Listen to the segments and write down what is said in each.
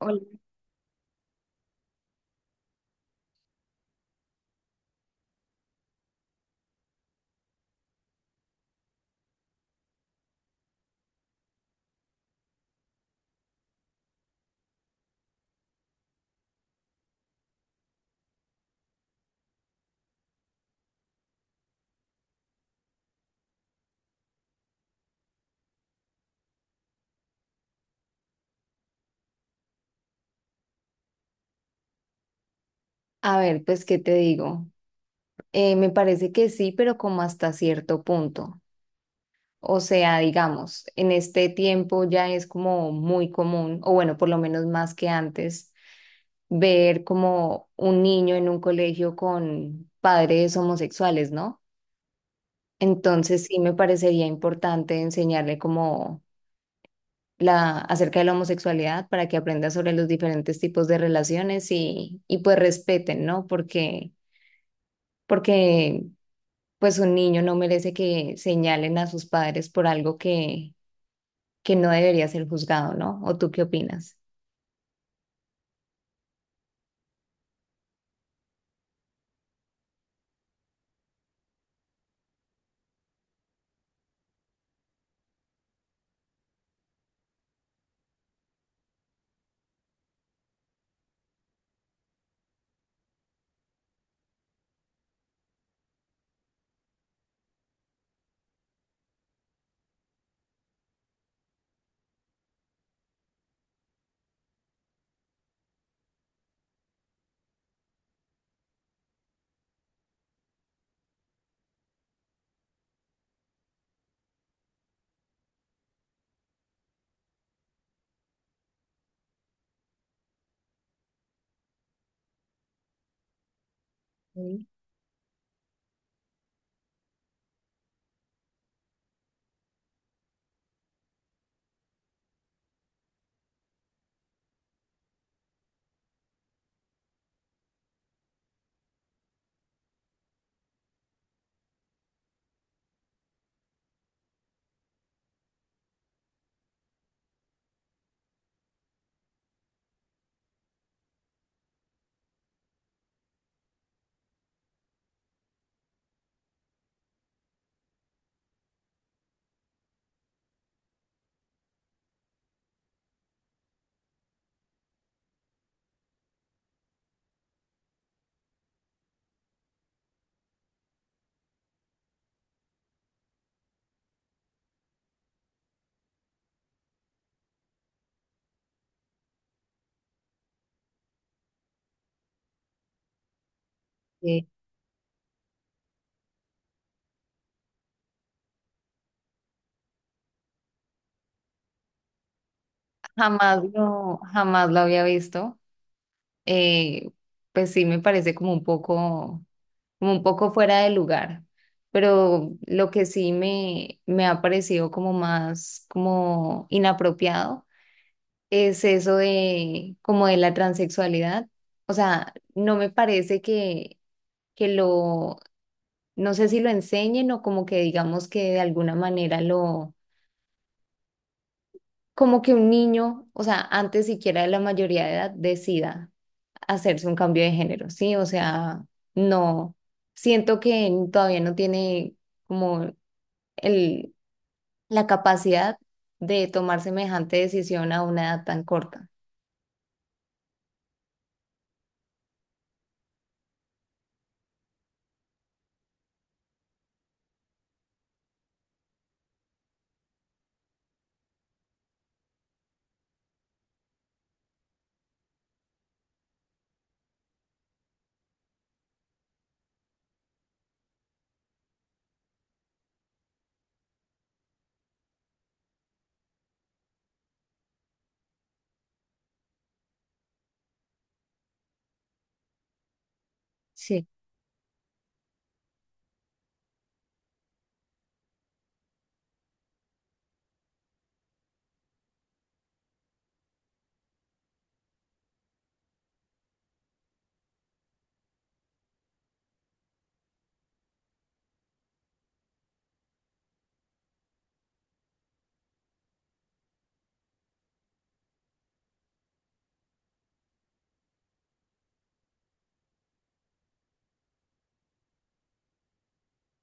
Hola. A ver, pues, ¿qué te digo? Me parece que sí, pero como hasta cierto punto. O sea, digamos, en este tiempo ya es como muy común, o bueno, por lo menos más que antes, ver como un niño en un colegio con padres homosexuales, ¿no? Entonces sí me parecería importante enseñarle como la acerca de la homosexualidad para que aprenda sobre los diferentes tipos de relaciones y pues respeten, ¿no? Porque pues un niño no merece que señalen a sus padres por algo que no debería ser juzgado, ¿no? ¿O tú qué opinas? Mm. Eh, jamás lo había visto. Eh, pues sí me parece como un poco fuera de lugar. Pero lo que sí me ha parecido como más como inapropiado es eso de como de la transexualidad. O sea, no me parece que lo No sé si lo enseñen o como que digamos que de alguna manera lo, como que un niño, o sea, antes siquiera de la mayoría de edad, decida hacerse un cambio de género, ¿sí? O sea, no, siento que todavía no tiene como el, la capacidad de tomar semejante decisión a una edad tan corta. Sí,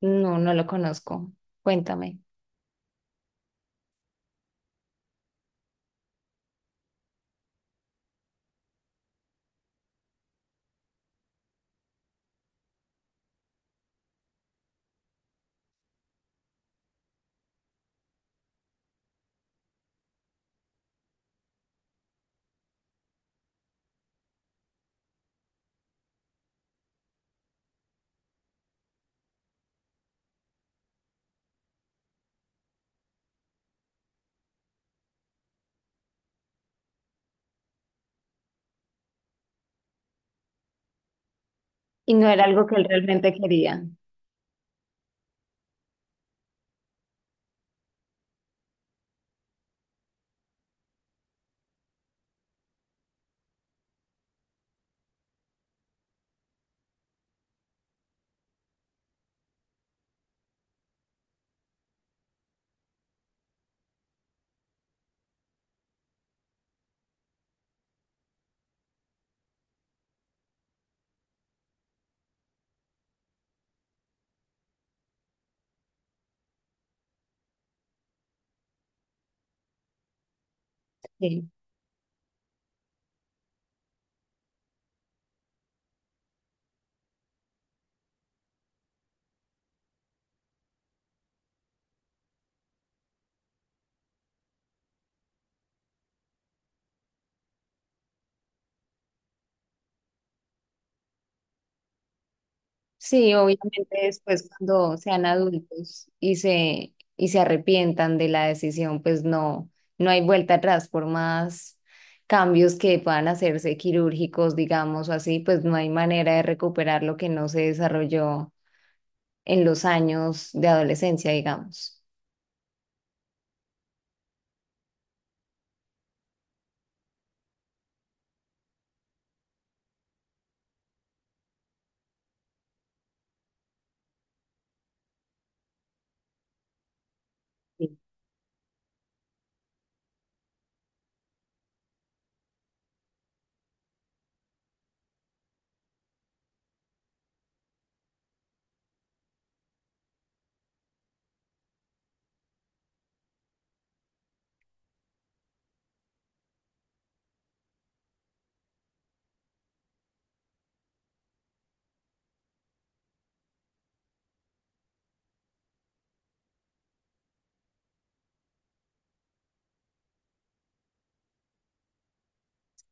no, no lo conozco. Cuéntame. Y no era algo que él realmente quería. Sí. Sí, obviamente después cuando sean adultos y se arrepientan de la decisión, pues no, no hay vuelta atrás, por más cambios que puedan hacerse quirúrgicos, digamos, o así, pues no hay manera de recuperar lo que no se desarrolló en los años de adolescencia, digamos. Sí,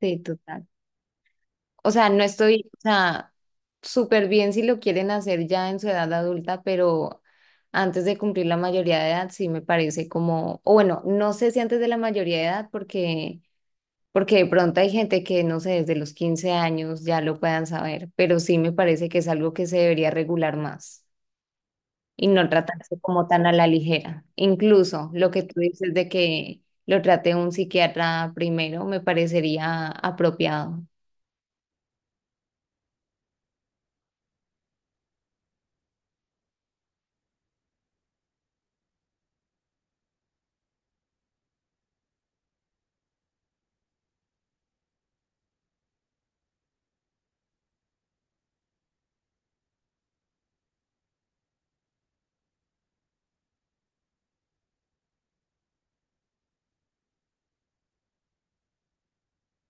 sí, total. O sea, no estoy, o sea, súper bien si lo quieren hacer ya en su edad adulta, pero antes de cumplir la mayoría de edad sí me parece como, o bueno, no sé si antes de la mayoría de edad porque de pronto hay gente que no sé, desde los 15 años ya lo puedan saber, pero sí me parece que es algo que se debería regular más y no tratarse como tan a la ligera. Incluso lo que tú dices de que lo trate un psiquiatra primero me parecería apropiado.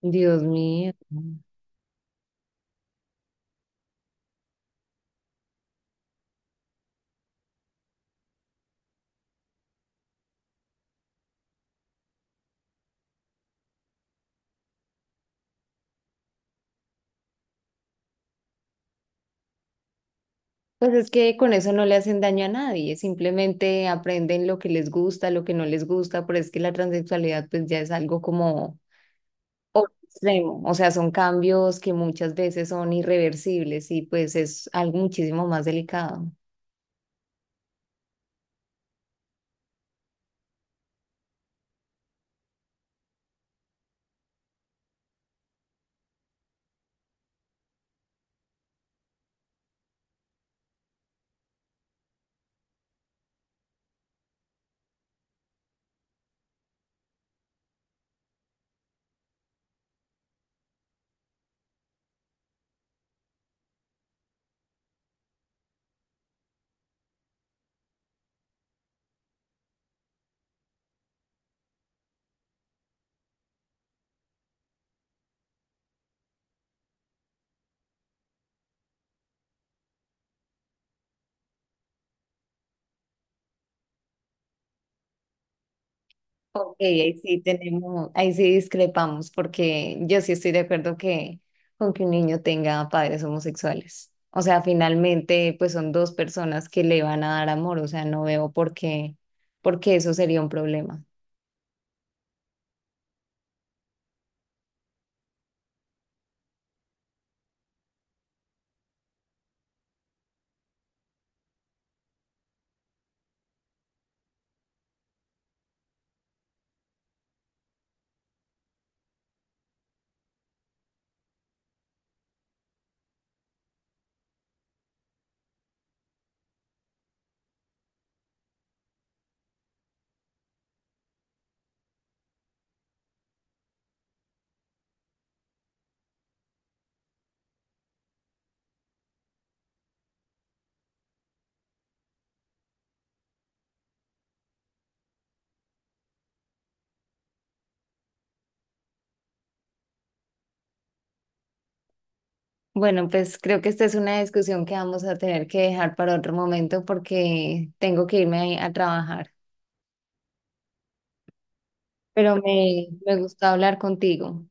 Dios mío. Pues es que con eso no le hacen daño a nadie, simplemente aprenden lo que les gusta, lo que no les gusta, pero es que la transexualidad pues ya es algo como extremo, o sea, son cambios que muchas veces son irreversibles y pues es algo muchísimo más delicado. Ok, ahí sí tenemos, ahí sí discrepamos, porque yo sí estoy de acuerdo que con que un niño tenga padres homosexuales. O sea, finalmente, pues son dos personas que le van a dar amor, o sea, no veo por qué eso sería un problema. Bueno, pues creo que esta es una discusión que vamos a tener que dejar para otro momento porque tengo que irme a trabajar. Pero me gustó hablar contigo.